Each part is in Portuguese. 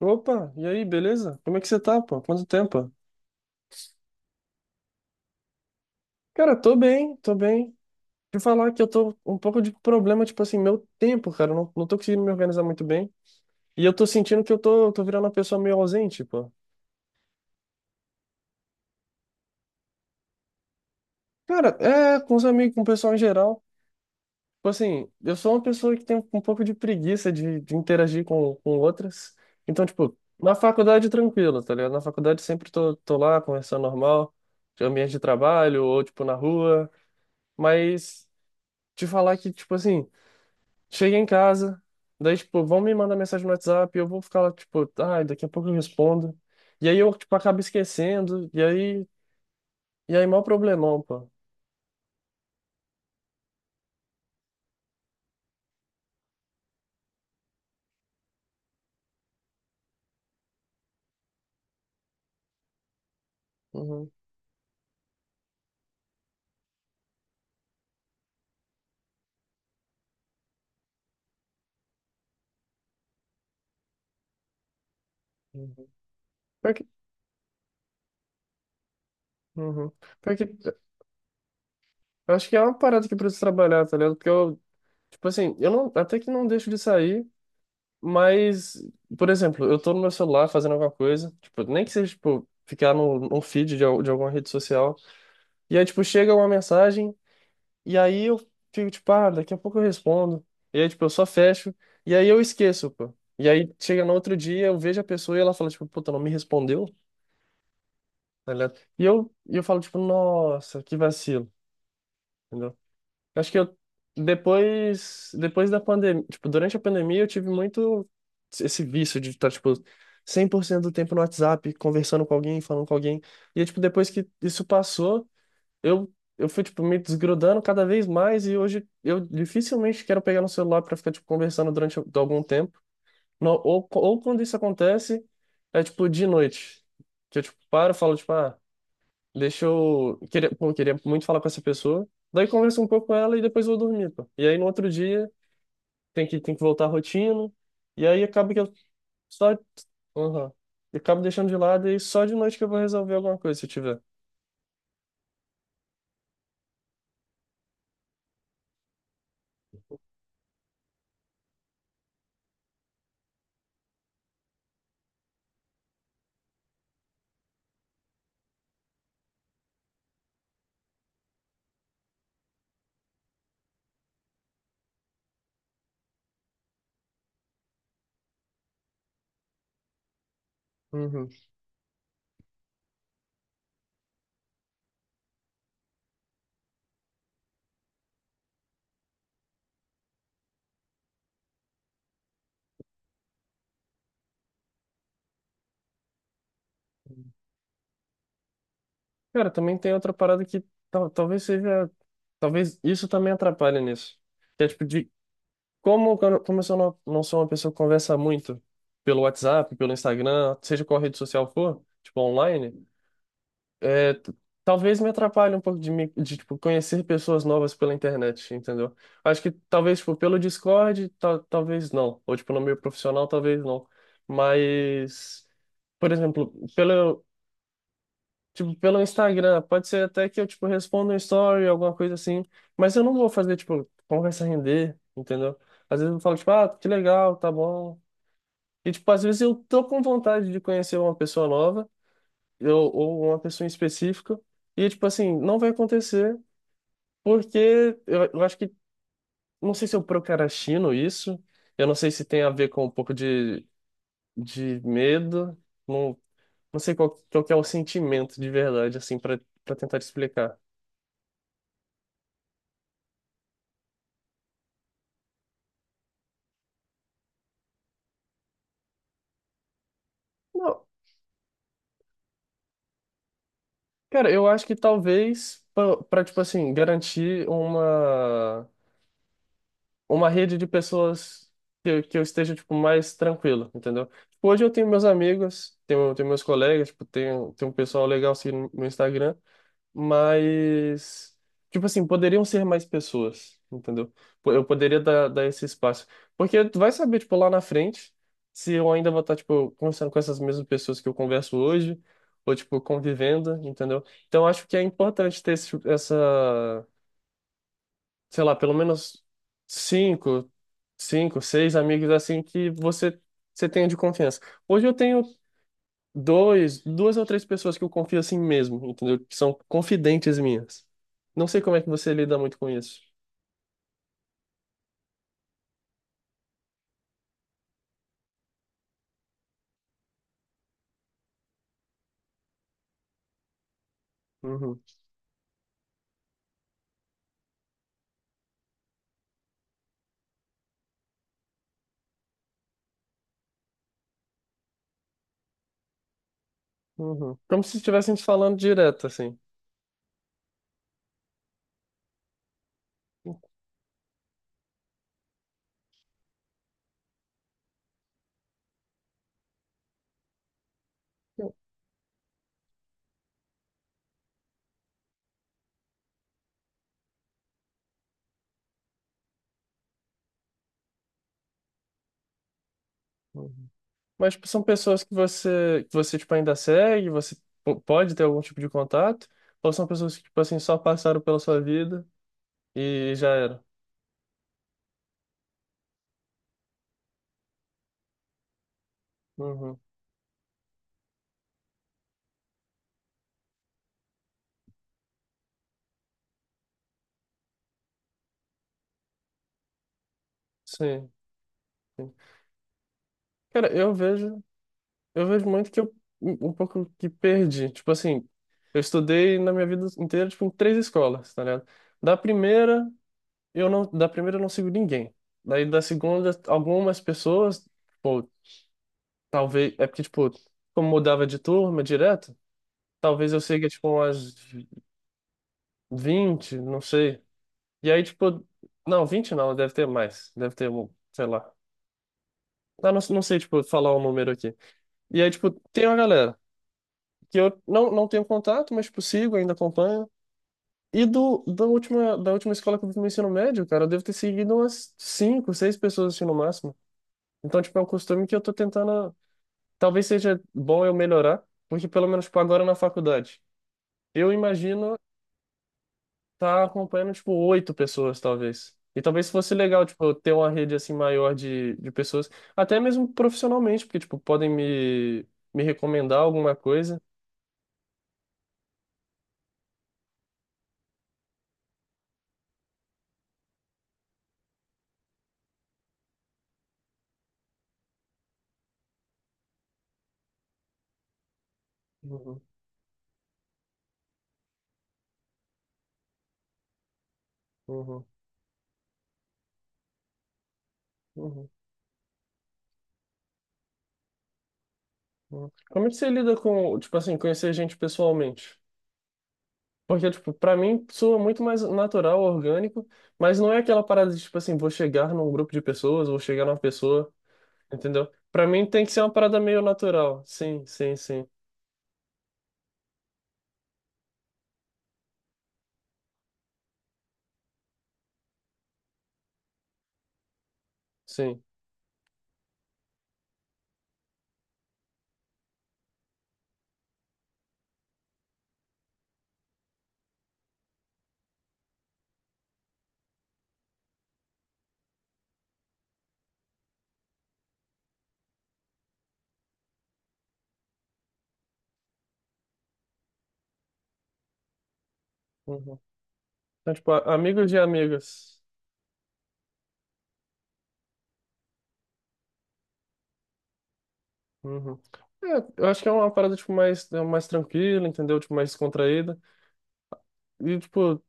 Opa, e aí, beleza? Como é que você tá, pô? Quanto tempo? Cara, tô bem, tô bem. Te falar que eu tô um pouco de problema, tipo assim, meu tempo, cara, eu não tô conseguindo me organizar muito bem. E eu tô sentindo que eu tô virando uma pessoa meio ausente, pô. Cara, é, com os amigos, com o pessoal em geral. Tipo assim, eu sou uma pessoa que tem um pouco de preguiça de interagir com outras. Então, tipo, na faculdade tranquilo, tá ligado? Na faculdade sempre tô lá conversando normal, de ambiente de trabalho, ou tipo na rua. Mas te falar que, tipo assim. Cheguei em casa, daí, tipo, vão me mandar mensagem no WhatsApp, eu vou ficar lá, tipo, ai, daqui a pouco eu respondo. E aí eu, tipo, acabo esquecendo, e aí, maior problemão, pô. Uhum. Uhum. Pior que, uhum. Pior que, eu acho que é uma parada que eu preciso trabalhar, tá ligado? Porque eu, tipo assim, eu não, até que não deixo de sair, mas, por exemplo, eu tô no meu celular fazendo alguma coisa, tipo, nem que seja, tipo, ficar no, num feed de alguma rede social, e aí, tipo, chega uma mensagem. E aí eu fico tipo, ah, daqui a pouco eu respondo. E aí, tipo, eu só fecho. E aí eu esqueço, pô. E aí chega no outro dia, eu vejo a pessoa e ela fala, tipo, puta, não me respondeu, tá ligado? E eu falo, tipo, nossa, que vacilo, entendeu? Eu acho que eu, depois da pandemia, tipo, durante a pandemia eu tive muito esse vício de estar, tipo, 100% do tempo no WhatsApp, conversando com alguém, falando com alguém. E, tipo, depois que isso passou eu, eu fui, tipo, me desgrudando cada vez mais, e hoje eu dificilmente quero pegar no celular pra ficar, tipo, conversando durante algum tempo. Não, ou quando isso acontece, é, tipo, de noite. Que eu, tipo, paro e falo, tipo, ah, Queria, pô, queria muito falar com essa pessoa. Daí converso um pouco com ela e depois vou dormir, pô. E aí, no outro dia, tem que voltar à rotina. E aí, acaba que eu só. Aham. E acabo deixando de lado, e só de noite que eu vou resolver alguma coisa, se tiver. Uhum. Cara, também tem outra parada que talvez seja. Talvez isso também atrapalhe nisso. Que é tipo de. Como eu sou- não, não sou uma pessoa que conversa muito pelo WhatsApp, pelo Instagram, seja qual rede social for, tipo online, é, t- talvez me atrapalhe um pouco de tipo, conhecer pessoas novas pela internet, entendeu? Acho que talvez tipo, pelo Discord, talvez não. Ou tipo, no meio profissional, talvez não. Mas. Por exemplo, pelo Instagram, pode ser até que eu, tipo, responda um story, alguma coisa assim. Mas eu não vou fazer, tipo, conversa render, entendeu? Às vezes eu falo, tipo, ah, que legal, tá bom. E, tipo, às vezes eu tô com vontade de conhecer uma pessoa nova, ou uma pessoa em específico, e, tipo, assim, não vai acontecer, porque eu acho que, não sei se eu procrastino isso, eu não sei se tem a ver com um pouco de medo, não, não sei qual que é o sentimento de verdade, assim, para tentar te explicar. Não, cara, eu acho que talvez para, tipo assim, garantir uma rede de pessoas que eu esteja tipo mais tranquilo, entendeu? Tipo, hoje eu tenho meus amigos, tenho meus colegas, tipo, tenho um pessoal legal assim no Instagram, mas tipo assim, poderiam ser mais pessoas, entendeu? Eu poderia dar esse espaço. Porque tu vai saber, tipo, lá na frente, se eu ainda vou estar, tipo, conversando com essas mesmas pessoas que eu converso hoje, ou, tipo, convivendo, entendeu? Então, acho que é importante ter essa, sei lá, pelo menos cinco, cinco, seis amigos assim que você tenha de confiança. Hoje eu tenho duas ou três pessoas que eu confio assim mesmo, entendeu? Que são confidentes minhas. Não sei como é que você lida muito com isso. Uhum, uhum. Como se estivessem te falando direto, assim. Uhum. Mas tipo, são pessoas que que você tipo, ainda segue, você pode ter algum tipo de contato, ou são pessoas que tipo, assim, só passaram pela sua vida e já era. Uhum. Sim. Sim. Cara, eu vejo. Eu vejo muito que eu um pouco que perdi. Tipo assim, eu estudei na minha vida inteira, tipo, em três escolas, tá ligado? Da primeira, da primeira, eu não sigo ninguém. Daí da segunda, algumas pessoas, tipo, talvez, é porque, tipo, como mudava de turma direto, talvez eu siga, tipo, umas 20 não sei. E aí, tipo, não, 20 não, deve ter mais. Deve ter, um, sei lá. Ah, não sei, tipo, falar o número aqui. E aí, tipo, tem uma galera que eu não tenho contato, mas tipo, sigo, ainda acompanho. E da última escola que eu fiz no ensino médio, cara, eu devo ter seguido umas cinco, seis pessoas assim no máximo. Então, tipo, é um costume que eu tô tentando. Talvez seja bom eu melhorar, porque pelo menos, tipo, agora na faculdade, eu imagino tá acompanhando, tipo, oito pessoas, talvez. E talvez fosse legal, tipo, eu ter uma rede assim maior de pessoas, até mesmo profissionalmente, porque, tipo, podem me recomendar alguma coisa. Uhum, uhum, uhum. Hum. Como é que você lida com, tipo assim, conhecer gente pessoalmente? Porque, tipo, pra mim soa muito mais natural, orgânico, mas não é aquela parada de, tipo assim, vou chegar num grupo de pessoas, vou chegar numa pessoa, entendeu? Pra mim tem que ser uma parada meio natural. Sim, sim, sim, sim. Uhum. Então, tipo, amigos de amigas. Uhum. É, eu acho que é uma parada, tipo, mais tranquila, entendeu? Tipo, mais descontraída. E, tipo,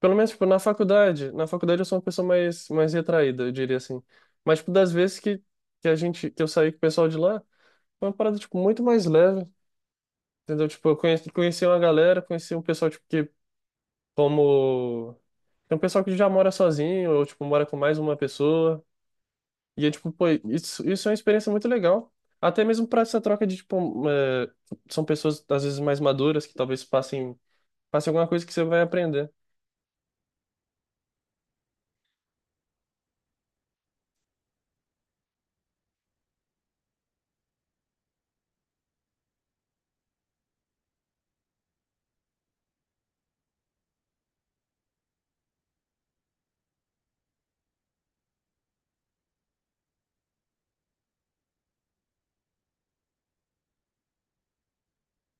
pelo menos, tipo, na faculdade. Na faculdade eu sou uma pessoa mais retraída, eu diria assim. Mas, tipo, das vezes que eu saí com o pessoal de lá, foi uma parada, tipo, muito mais leve, entendeu? Tipo, eu conheci uma galera, conheci um pessoal, tipo, que, como. Tem um pessoal que já mora sozinho, ou, tipo, mora com mais uma pessoa. E, é, tipo, pô, isso é uma experiência muito legal. Até mesmo pra essa troca de, tipo, um, é, são pessoas, às vezes, mais maduras, que talvez passem alguma coisa que você vai aprender.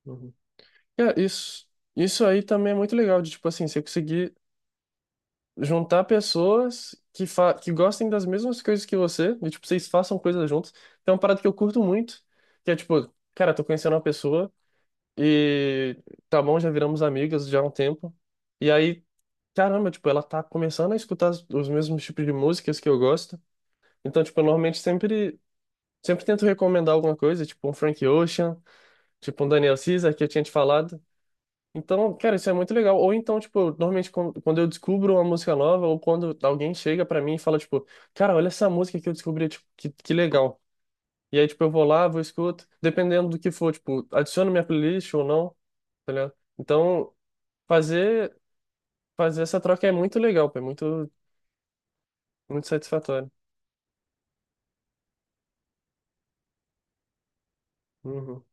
Uhum. É, isso aí também é muito legal, de tipo assim, você conseguir juntar pessoas que gostem das mesmas coisas que você, e tipo, vocês façam coisas juntos. Tem uma parada que eu curto muito, que é tipo, cara, tô conhecendo uma pessoa, e tá bom, já viramos amigas já há um tempo. E aí, caramba, tipo, ela tá começando a escutar os mesmos tipos de músicas que eu gosto. Então, tipo, eu normalmente sempre tento recomendar alguma coisa, tipo um Frank Ocean, tipo um Daniel Caesar, que eu tinha te falado. Então, cara, isso é muito legal. Ou então, tipo, normalmente quando eu descubro uma música nova, ou quando alguém chega pra mim e fala, tipo, cara, olha essa música que eu descobri, tipo, que legal. E aí, tipo, eu vou lá, vou escuto, dependendo do que for, tipo, adiciono minha playlist ou não, tá ligado? Então, fazer, fazer essa troca é muito legal, pô, é muito, muito satisfatório. Uhum,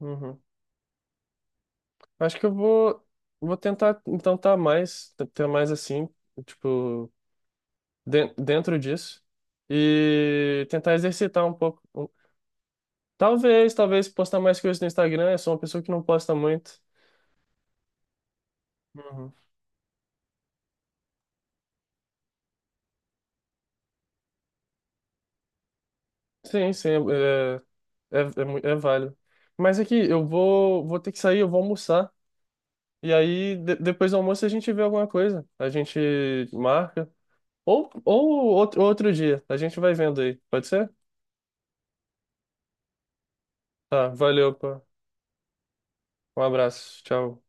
uhum. Acho que eu vou tentar, então, ter mais assim, tipo, dentro disso, e tentar exercitar um pouco. Talvez postar mais coisas no Instagram. Eu sou uma pessoa que não posta muito. Uhum. Sim, sim, é, é válido. Mas aqui, eu vou ter que sair, eu vou almoçar. E aí, depois do almoço, a gente vê alguma coisa. A gente marca. Ou outro dia. A gente vai vendo aí. Pode ser? Tá, valeu, pô. Um abraço. Tchau.